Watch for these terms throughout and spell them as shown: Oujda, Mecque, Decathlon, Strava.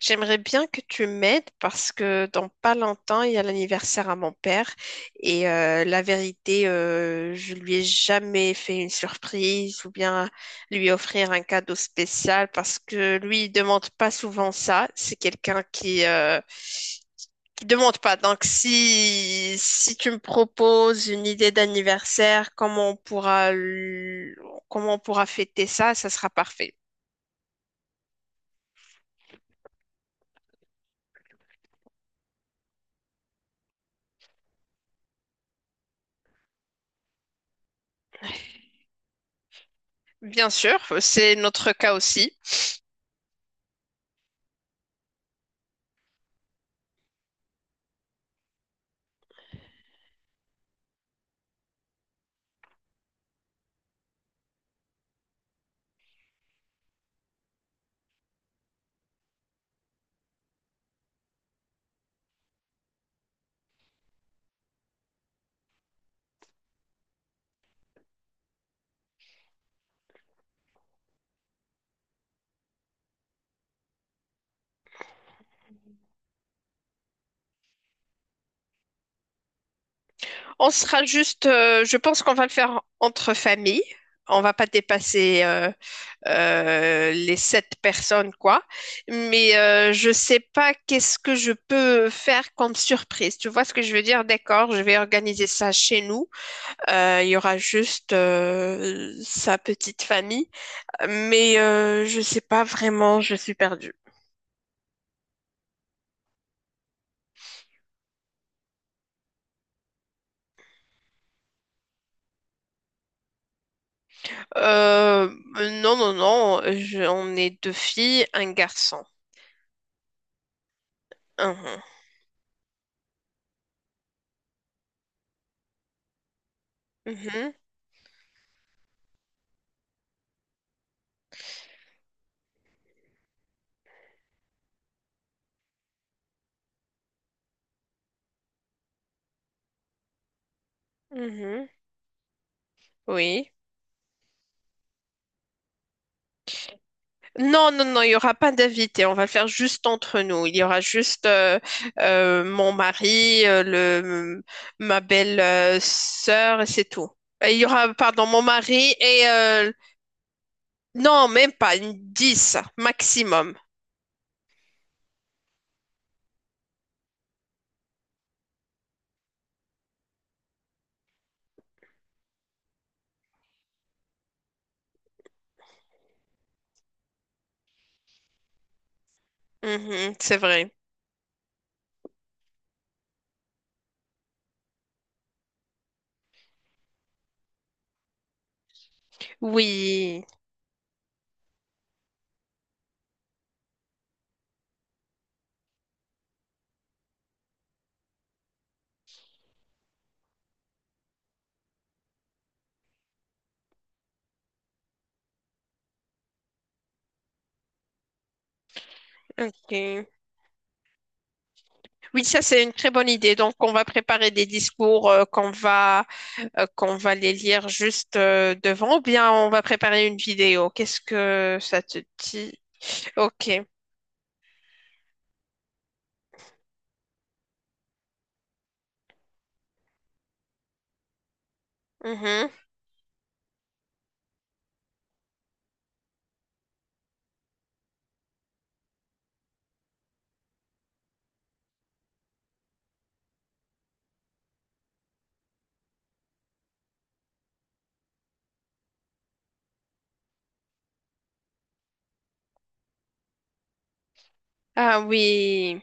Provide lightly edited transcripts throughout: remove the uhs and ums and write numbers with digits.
J'aimerais bien que tu m'aides parce que dans pas longtemps, il y a l'anniversaire à mon père et la vérité, je lui ai jamais fait une surprise ou bien lui offrir un cadeau spécial parce que lui, il demande pas souvent ça. C'est quelqu'un qui qui demande pas. Donc si tu me proposes une idée d'anniversaire, comment on pourra comment on pourra fêter ça, ça sera parfait. Bien sûr, c'est notre cas aussi. On sera juste, je pense qu'on va le faire entre familles. On va pas dépasser les sept personnes, quoi. Mais je sais pas qu'est-ce que je peux faire comme surprise. Tu vois ce que je veux dire? D'accord, je vais organiser ça chez nous. Il y aura juste sa petite famille. Mais je sais pas vraiment, je suis perdue. Euh, non, non, non, on est deux filles, un garçon. Mhm. Mhm. Mhm. Oui. Non, non, non, il n'y aura pas d'invité. On va le faire juste entre nous. Il y aura juste mon mari, le, ma belle sœur, et c'est tout. Et Il y aura, pardon, mon mari et non, même pas, une 10 maximum. Mhm, c'est vrai. Oui, ok. Oui, ça, c'est une très bonne idée. Donc, on va préparer des discours qu'on va les lire juste devant ou bien on va préparer une vidéo. Qu'est-ce que ça te dit? Ok. Mhm. Ah oui.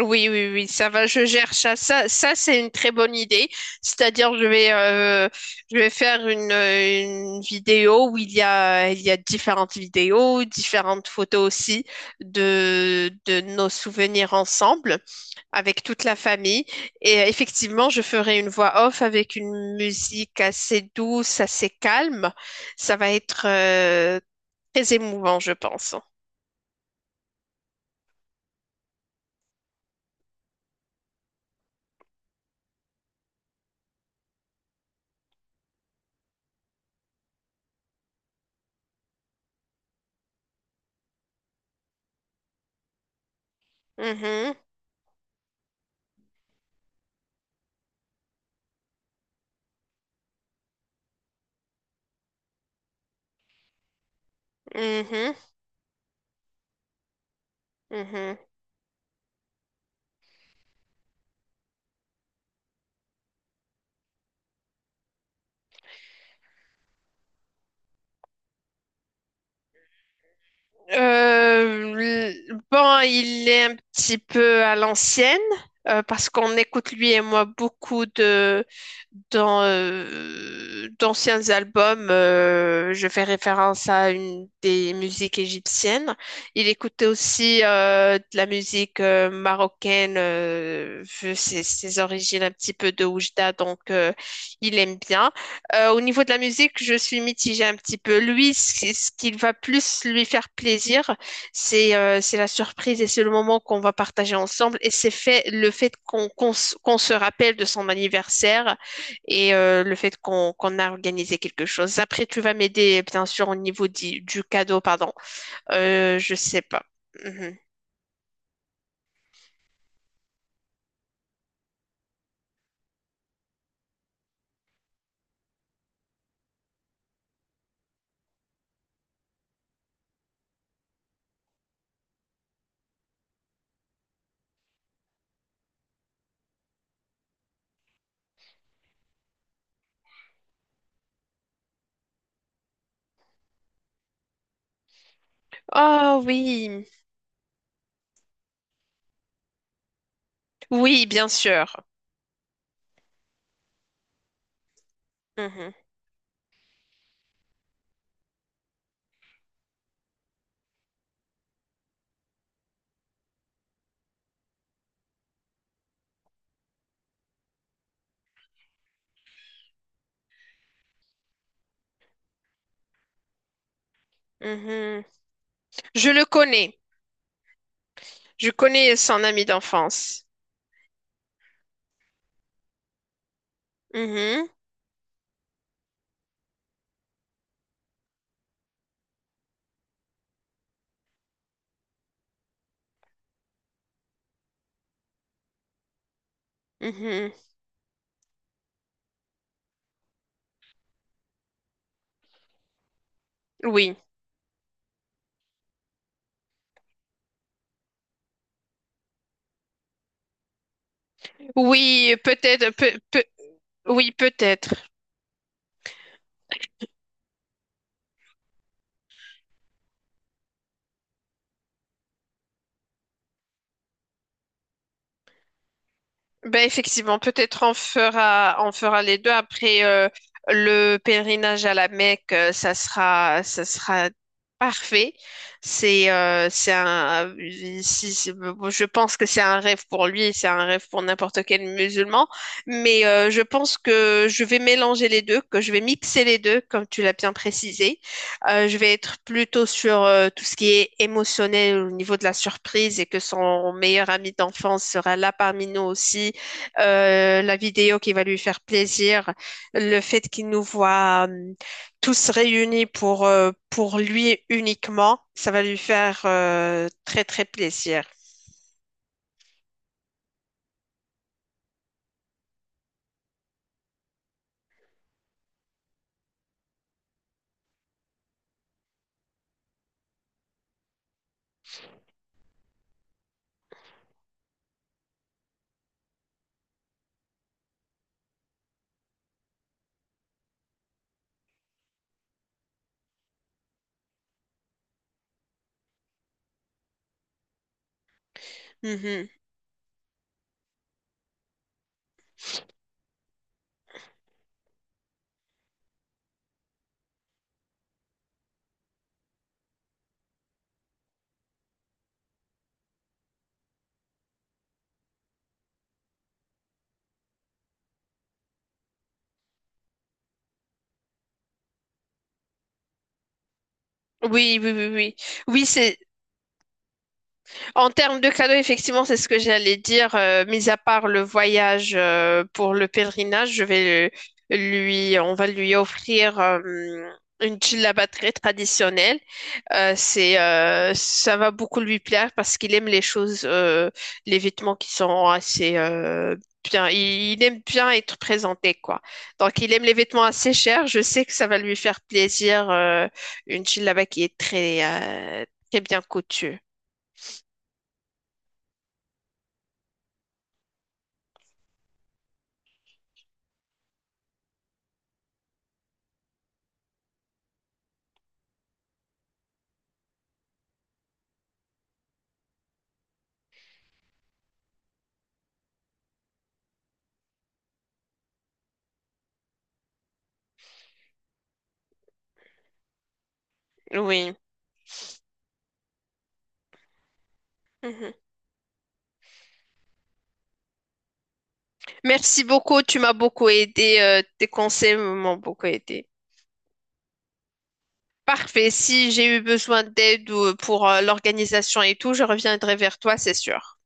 Oui, oui, oui, ça va, je gère ça. Ça c'est une très bonne idée. C'est-à-dire, je vais faire une vidéo où il y a différentes vidéos, différentes photos aussi de nos souvenirs ensemble avec toute la famille. Et effectivement, je ferai une voix off avec une musique assez douce, assez calme. Ça va être, très émouvant, je pense. Mhm. Mhm, mhm. Bon, il est un petit peu à l'ancienne parce qu'on écoute lui et moi beaucoup de dans, d'anciens albums. Je fais référence à une des musiques égyptiennes. Il écoutait aussi de la musique marocaine, vu ses origines un petit peu de Oujda, il aime bien. Au niveau de la musique, je suis mitigée un petit peu. Lui, ce qui va plus lui faire plaisir, c'est c'est la surprise et c'est le moment qu'on va partager ensemble. Et c'est fait le fait qu'on se rappelle de son anniversaire et le fait qu'on a organisé quelque chose. Après, tu vas m'aider, bien sûr, au niveau du cadeau, pardon. Je sais pas. Mhm. Oh oui, oui, bien sûr. Mhm. Mhm. Je le connais. Je connais son ami d'enfance. Mhm. Mhm. Oui, oui, oui, peut-être. Ben effectivement, peut-être on fera les deux. Après, le pèlerinage à la Mecque, euh, ça sera parfait. C'est un, si- si- bon, je pense que c'est un rêve pour lui, et c'est un rêve pour n'importe quel musulman. Mais je pense que je vais mélanger les deux, que je vais mixer les deux, comme tu l'as bien précisé. Je vais être plutôt sur tout ce qui est émotionnel au niveau de la surprise et que son meilleur ami d'enfance sera là parmi nous aussi la vidéo qui va lui faire plaisir, le fait qu'il nous voit tous réunis pour lui uniquement, ça va lui faire très très plaisir. Mhm. Oui, oui, oui, oui. Oui, c'est en termes de cadeaux, effectivement, c'est ce que j'allais dire. Mis à part le voyage pour le pèlerinage, je vais lui, on va lui offrir une djellaba très traditionnelle. Ça va beaucoup lui plaire parce qu'il aime les choses, les vêtements qui sont assez bien. Il aime bien être présenté, quoi. Donc, il aime les vêtements assez chers. Je sais que ça va lui faire plaisir. Une djellaba qui est très, très bien coutue. Oui. Mhm. Merci beaucoup, tu m'as beaucoup aidé, tes conseils m'ont beaucoup aidé. Parfait, si j'ai eu besoin d'aide ou pour l'organisation et tout, je reviendrai vers toi, c'est sûr.